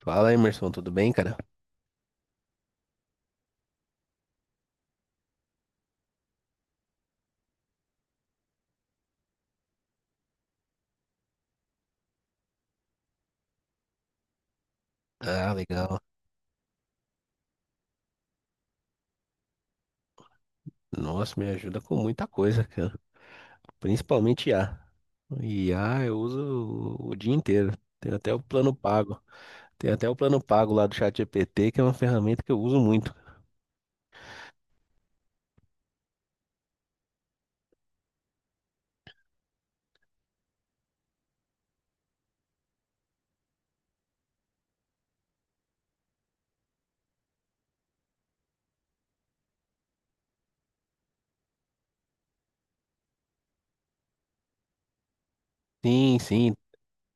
Fala, Emerson, tudo bem, cara? Ah, legal. Nossa, me ajuda com muita coisa, cara. Principalmente I a. IA. A Eu uso o dia inteiro. Tem até o plano pago. Tem até o plano pago lá do ChatGPT, que é uma ferramenta que eu uso muito. Sim, sim.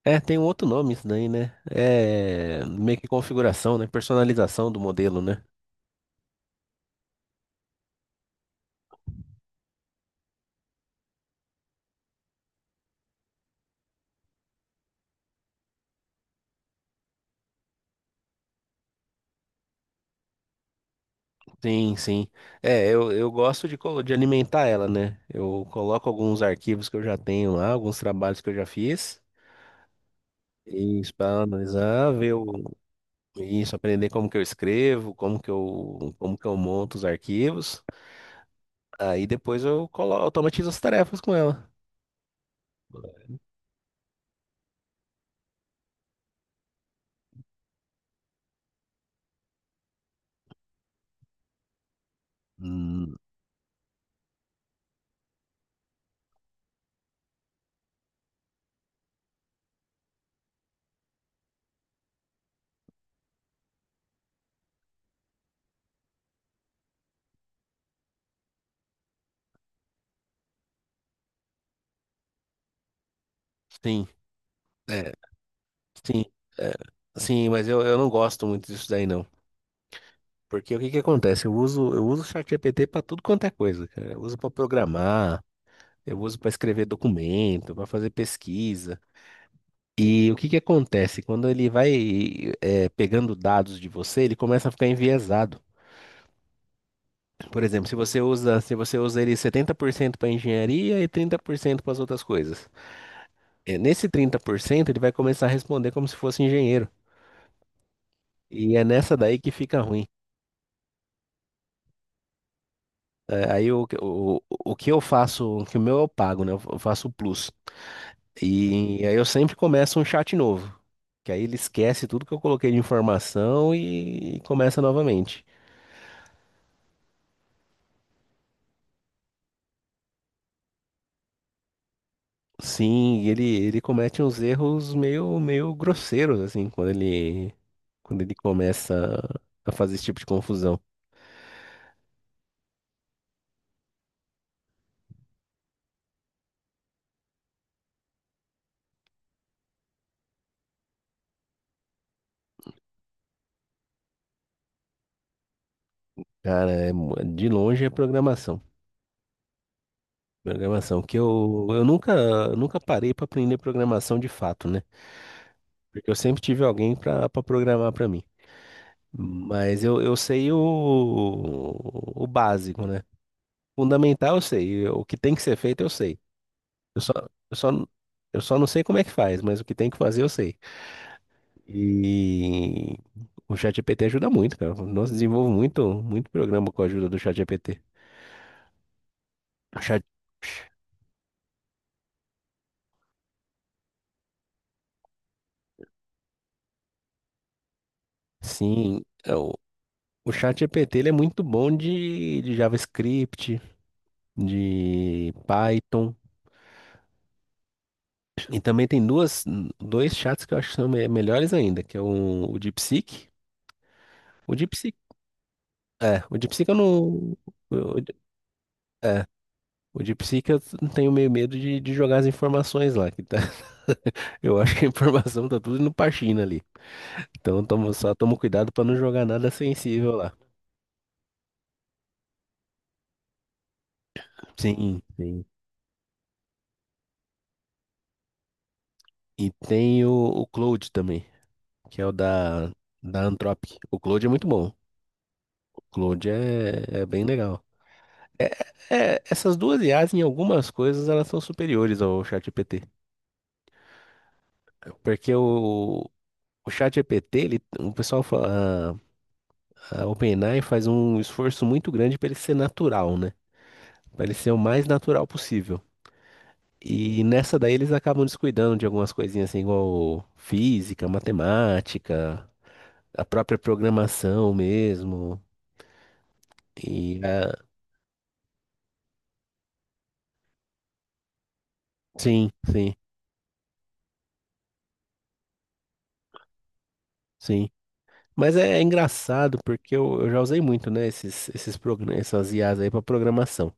É, tem um outro nome isso daí, né? É meio que configuração, né? Personalização do modelo, né? Sim, sim. É, eu gosto de, de alimentar ela, né? Eu coloco alguns arquivos que eu já tenho lá, alguns trabalhos que eu já fiz. Isso, para analisar, ver isso, aprender como que eu escrevo, como que eu monto os arquivos. Aí depois eu colo, automatizo as tarefas com ela. Hum, sim, é, sim, é, sim, mas eu não gosto muito disso daí não. Porque o que que acontece? Eu uso o ChatGPT para tudo quanto é coisa, cara. Eu uso para programar, eu uso para escrever documento, para fazer pesquisa. E o que que acontece? Quando ele vai, pegando dados de você, ele começa a ficar enviesado. Por exemplo, se você usa ele 70% para engenharia e 30% para as outras coisas. É, nesse 30% ele vai começar a responder como se fosse engenheiro. E é nessa daí que fica ruim. É, aí o que eu faço, o que o meu eu pago, né? Eu faço o plus. E aí eu sempre começo um chat novo. Que aí ele esquece tudo que eu coloquei de informação e começa novamente. Sim, e ele comete uns erros meio, meio grosseiros, assim, quando ele começa a fazer esse tipo de confusão. Cara, de longe é programação. Programação, que eu nunca, nunca parei para aprender programação de fato, né? Porque eu sempre tive alguém para programar para mim. Mas eu sei o básico, né? Fundamental eu sei, o que tem que ser feito eu sei. Eu só, eu só, eu só não sei como é que faz, mas o que tem que fazer eu sei. E o ChatGPT ajuda muito, cara. Nós desenvolvo muito, muito programa com a ajuda do ChatGPT. O Chat... Sim, o ChatGPT ele é muito bom de JavaScript, de Python. E também tem duas, dois chats que eu acho que são melhores ainda, que é o DeepSeek. O DeepSeek, é, o DeepSeek eu não... o- é, o DeepSeek eu tenho meio medo de jogar as informações lá, Eu acho que a informação tá tudo no Parchina ali. Então só toma cuidado pra não jogar nada sensível lá. Sim, sim. E tem o Cloud também, que é o da Anthropic. O Cloud é muito bom. O Cloud é bem legal. É- Essas duas IAs, em algumas coisas, elas são superiores ao ChatGPT. Porque o ChatGPT, o pessoal fala, a OpenAI faz um esforço muito grande para ele ser natural, né? Para ele ser o mais natural possível. E nessa daí eles acabam descuidando de algumas coisinhas assim, igual física, matemática, a própria programação mesmo. E ah, sim, sim, sim. Mas é engraçado porque eu já usei muito, né, essas IAs aí para programação.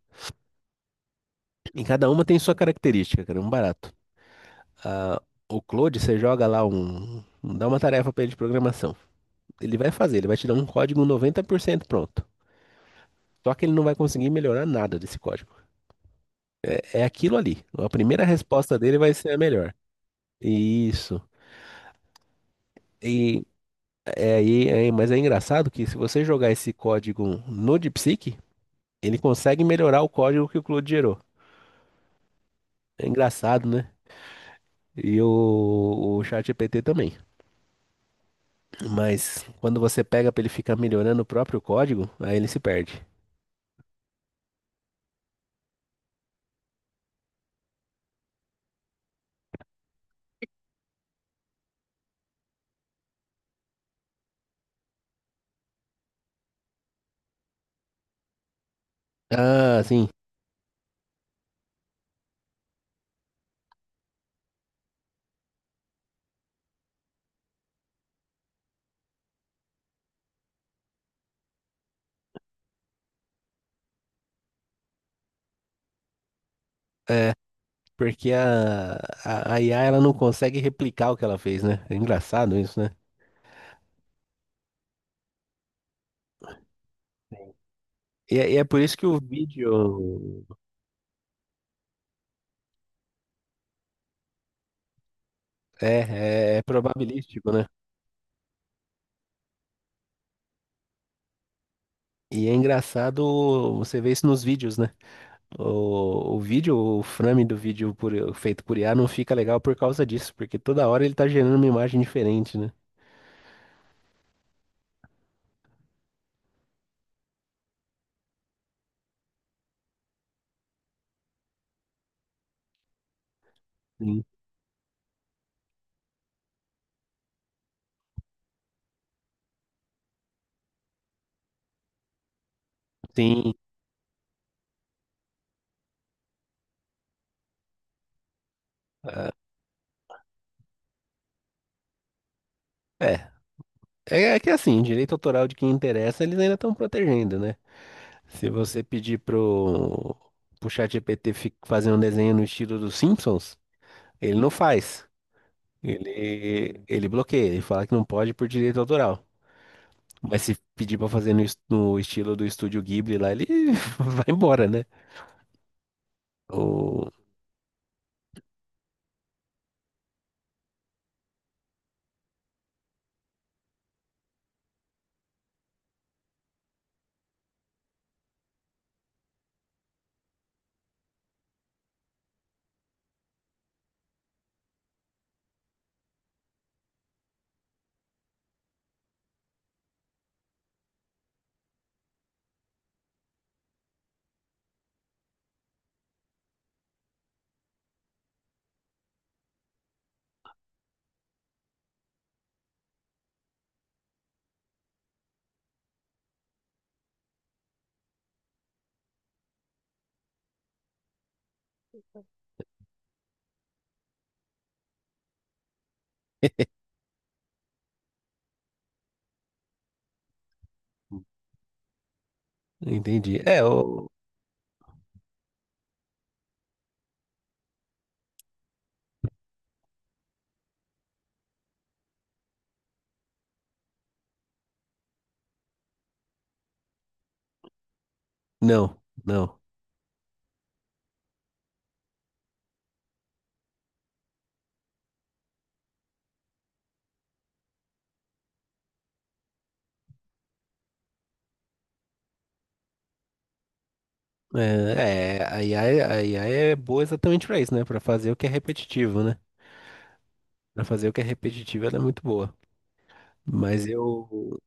E cada uma tem sua característica, cara, é um barato. Ah, o Claude, você joga lá dá uma tarefa para ele de programação. Ele vai fazer, ele vai te dar um código 90% pronto. Só que ele não vai conseguir melhorar nada desse código. É aquilo ali. A primeira resposta dele vai ser a melhor. Isso. E é aí, mas é engraçado que se você jogar esse código no DeepSeek, ele consegue melhorar o código que o Claude gerou. É engraçado, né? E o ChatGPT também. Mas quando você pega para ele ficar melhorando o próprio código, aí ele se perde. Ah, sim. É, porque a IA ela não consegue replicar o que ela fez, né? É engraçado isso, né? E, é por isso que o vídeo. É probabilístico, né? E é engraçado você ver isso nos vídeos, né? O vídeo, o frame do vídeo feito por IA não fica legal por causa disso, porque toda hora ele tá gerando uma imagem diferente, né? Sim. Sim. ah, É. É que assim, direito autoral de quem interessa, eles ainda estão protegendo, né? Se você pedir pro ChatGPT fazer um desenho no estilo dos Simpsons, ele não faz. Ele bloqueia, ele fala que não pode por direito autoral. Mas se pedir pra fazer no estilo do estúdio Ghibli lá, ele vai embora, né? O... Entendi. Não, não. É, é, a IA, a IA é boa exatamente pra isso, né? Pra fazer o que é repetitivo, né? Pra fazer o que é repetitivo, ela é muito boa. Mas eu...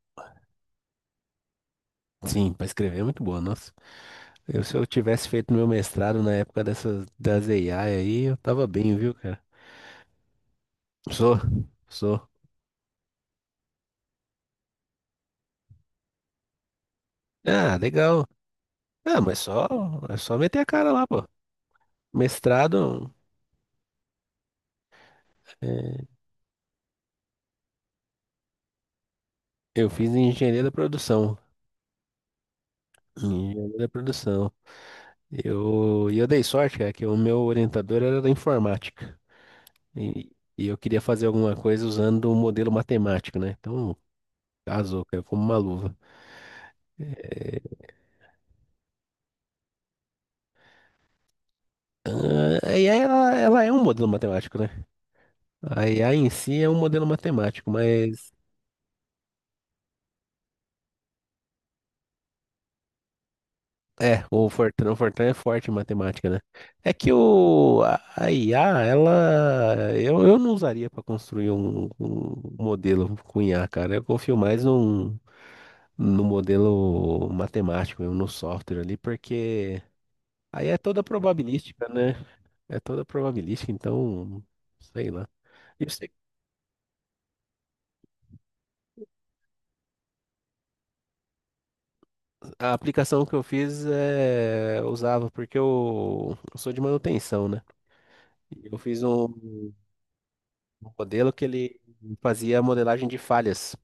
Sim, pra escrever é muito boa, nossa. Se eu tivesse feito meu mestrado na época das AI aí, eu tava bem, viu, cara? Sou, sou. Ah, legal. Ah, mas é só meter a cara lá, pô. Mestrado. É, Eu fiz engenharia da produção. Engenharia da produção. Eu dei sorte, cara, que o meu orientador era da informática. E, e eu queria fazer alguma coisa usando o modelo matemático, né? Então, casou, caiu como uma luva. Ah, e aí ela é um modelo matemático, né? A IA em si é um modelo matemático, mas o Fortran, é forte em matemática, né? É que o, a IA, ela. Eu não usaria para construir um modelo com IA, cara. Eu confio mais no modelo matemático, no software ali, porque aí é toda probabilística, né? É toda probabilística, então. Sei lá. Eu sei- A aplicação que eu fiz usava, porque eu sou de manutenção, né? E Eu fiz um. Um modelo que ele fazia modelagem de falhas.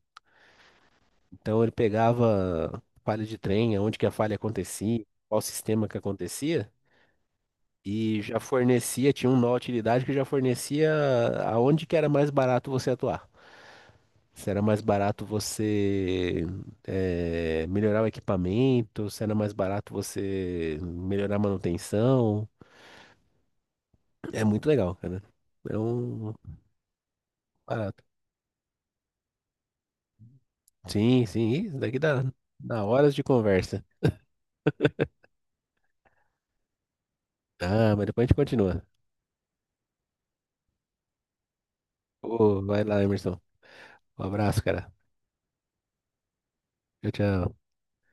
Então ele pegava falha de trem, onde que a falha acontecia, qual sistema que acontecia, e já fornecia, tinha uma utilidade que já fornecia aonde que era mais barato você atuar. Se era mais barato você melhorar o equipamento, se era mais barato você melhorar a manutenção. É muito legal, cara. É um barato. Sim, sim. Isso daqui dá horas de conversa. Ah, mas depois a gente continua. Ô, vai lá, Emerson. Um abraço, cara. Tchau, tchau.